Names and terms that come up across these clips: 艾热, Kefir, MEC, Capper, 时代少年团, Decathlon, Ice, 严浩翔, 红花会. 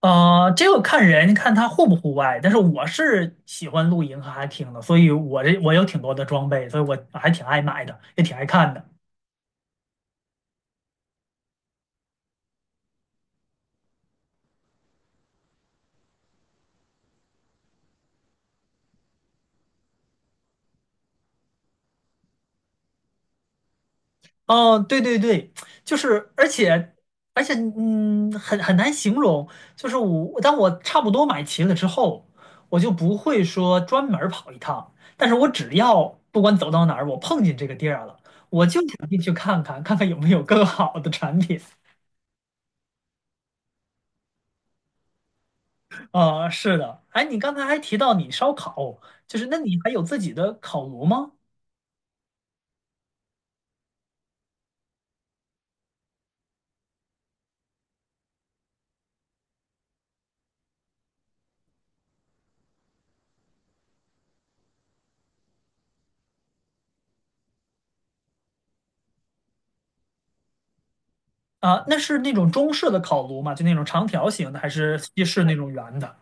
这个看人，看他户不户外。但是我是喜欢露营和 hiking 的，所以我有挺多的装备，所以我还挺爱买的，也挺爱看的。哦，对对对，就是，而且而且,很难形容。就是我，当我差不多买齐了之后，我就不会说专门儿跑一趟，但是我只要不管走到哪儿，我碰见这个地儿了，我就想进去看看，看看有没有更好的产品。啊，是的，哎，你刚才还提到你烧烤，就是那你还有自己的烤炉吗？啊，那是那种中式的烤炉吗？就那种长条形的，还是西式那种圆的？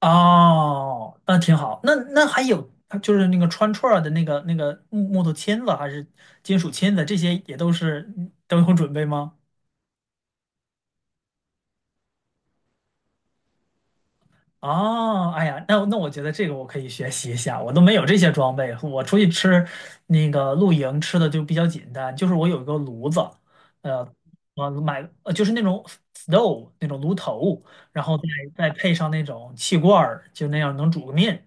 哦，那挺好。那还有就是那个穿串儿的那个木头签子，还是金属签子，这些也都是都有准备吗？哦，哎呀，那我觉得这个我可以学习一下，我都没有这些装备，我出去吃那个露营吃的就比较简单，就是我有一个炉子，呃，我买就是那种 stove 那种炉头，然后再配上那种气罐儿就那样能煮个面。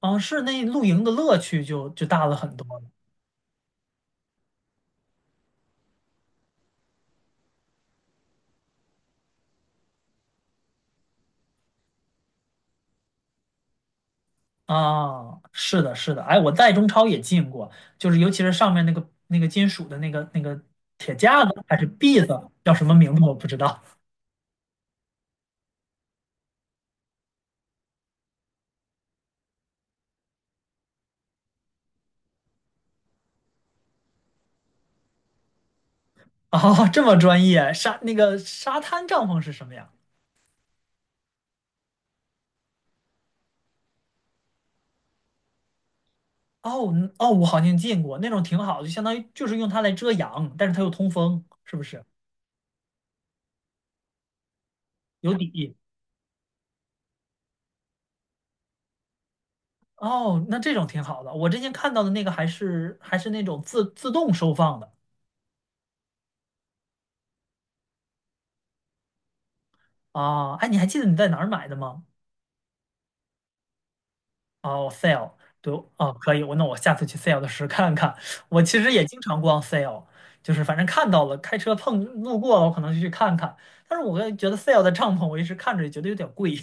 啊，是那露营的乐趣就大了很多了。啊，是的，是的，哎，我在中超也进过，就是尤其是上面那个金属的那个铁架子还是篦子，叫什么名字我不知道。哦，这么专业，沙那个沙滩帐篷是什么呀？哦，嗯，哦，我好像见过那种挺好的，就相当于就是用它来遮阳，但是它又通风，是不是？有底。哦，那这种挺好的。我之前看到的那个还是那种自动收放的啊。哎，你还记得你在哪儿买的吗？哦，sale，对哦，可以，我下次去 sale 的时候看看。我其实也经常逛 sale，就是反正看到了，开车路过了，我可能就去看看。但是我觉得 sale 的帐篷，我一直看着也觉得有点贵。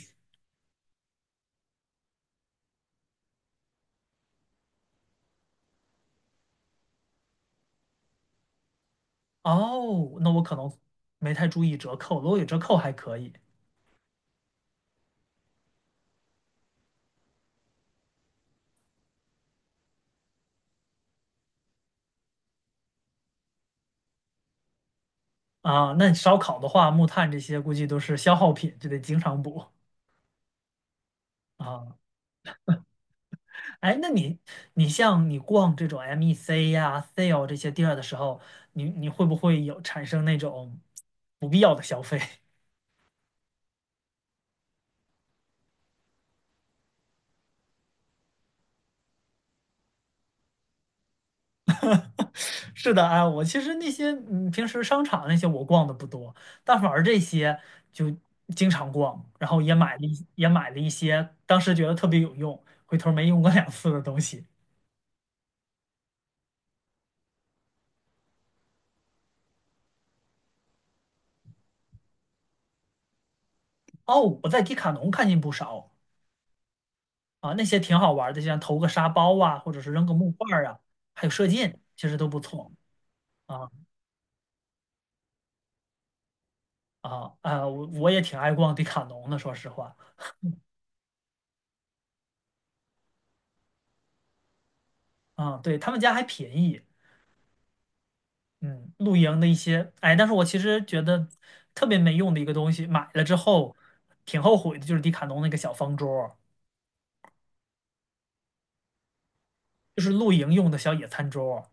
哦，那我可能没太注意折扣，如果有折扣还可以啊。那你烧烤的话，木炭这些估计都是消耗品，就得经常补啊。哎，你像你逛这种 MEC 呀、sale 这些地儿的时候，你会不会有产生那种不必要的消费？是的，哎，我其实那些平时商场那些我逛的不多，但反而这些就经常逛，然后也买了一些当时觉得特别有用，回头没用过两次的东西。哦，我在迪卡侬看见不少啊，那些挺好玩的，像投个沙包啊，或者是扔个木块儿啊，还有射箭，其实都不错。啊我也挺爱逛迪卡侬的，说实话。啊，对他们家还便宜，嗯，露营的一些，哎，但是我其实觉得特别没用的一个东西，买了之后挺后悔的，就是迪卡侬那个小方桌儿，就是露营用的小野餐桌儿。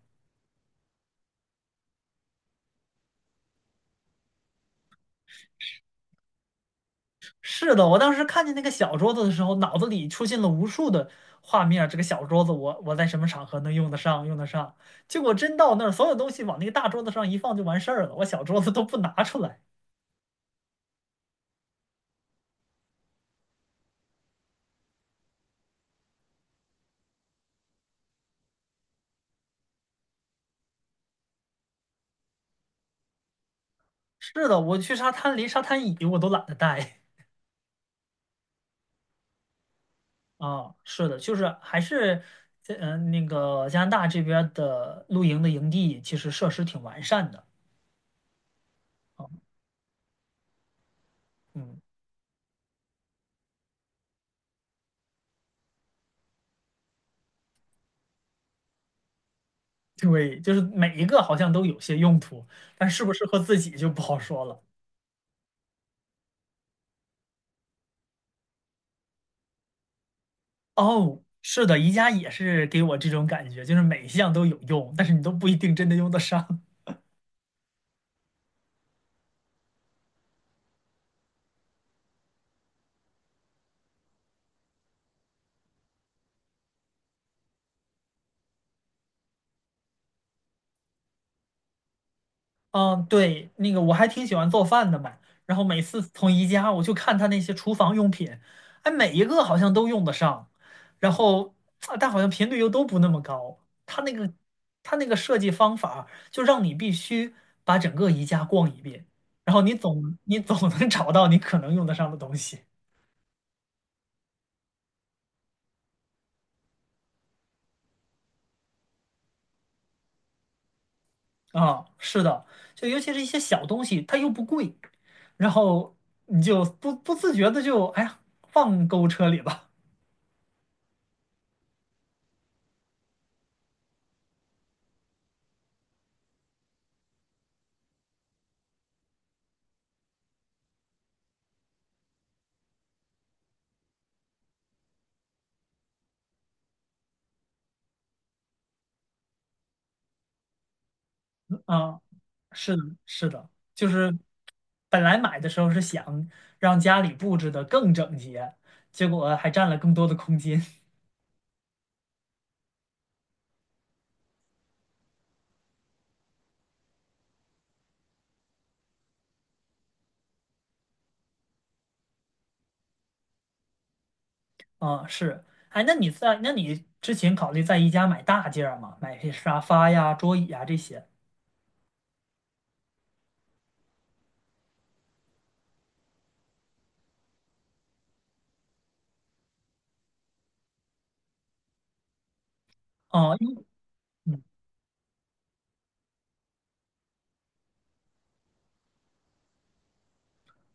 是的，我当时看见那个小桌子的时候，脑子里出现了无数的画面儿，这个小桌子我，在什么场合能用得上？结果真到那儿，所有东西往那个大桌子上一放就完事儿了，我小桌子都不拿出来。是的，我去沙滩，连沙滩椅我都懒得带。 啊。是的，就是还是那个加拿大这边儿的露营的营地，其实设施挺完善的。嗯，对，就是每一个好像都有些用途，但适不适合自己就不好说了。哦，是的，宜家也是给我这种感觉，就是每一项都有用，但是你都不一定真的用得上。嗯，对，那个我还挺喜欢做饭的嘛，然后每次从宜家我就看他那些厨房用品，哎，每一个好像都用得上，然后啊但好像频率又都不那么高。他那个设计方法，就让你必须把整个宜家逛一遍，然后你总能 找到你可能用得上的东西。啊，是的，就尤其是一些小东西，它又不贵，然后你就不自觉的就哎呀放购物车里吧。啊，是的，是的，就是本来买的时候是想让家里布置的更整洁，结果还占了更多的空间。啊，是，哎，那你之前考虑在宜家买大件儿吗？买些沙发呀、桌椅呀这些？啊，嗯。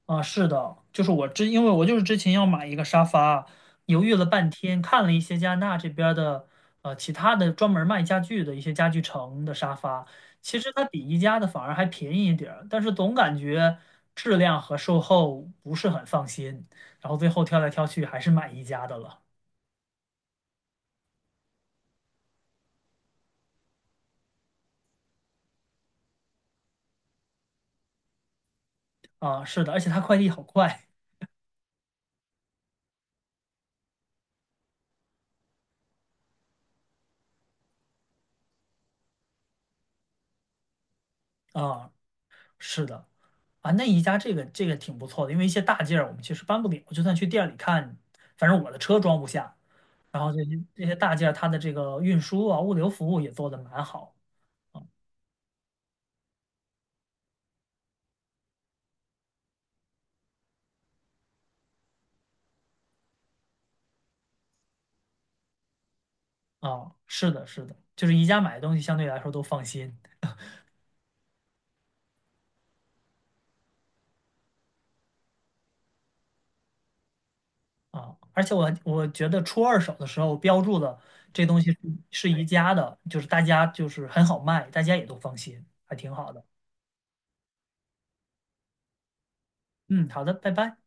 啊，是的，就是我之，因为我就是之前要买一个沙发，犹豫了半天，看了一些加拿大这边儿的，呃，其他的专门卖家具的一些家具城的沙发，其实它比宜家的反而还便宜一点儿，但是总感觉质量和售后不是很放心，然后最后挑来挑去还是买宜家的了。啊，是的，而且他快递好快。啊，是的，啊，那宜家这个挺不错的，因为一些大件儿我们其实搬不了，就算去店里看，反正我的车装不下。然后这些大件儿，它的这个运输啊、物流服务也做得蛮好啊。是的，是的，就是宜家买的东西相对来说都放心啊。而且我觉得出二手的时候标注的这东西是宜家的，大家很好卖，大家也都放心，还挺好的。嗯，好的，拜拜。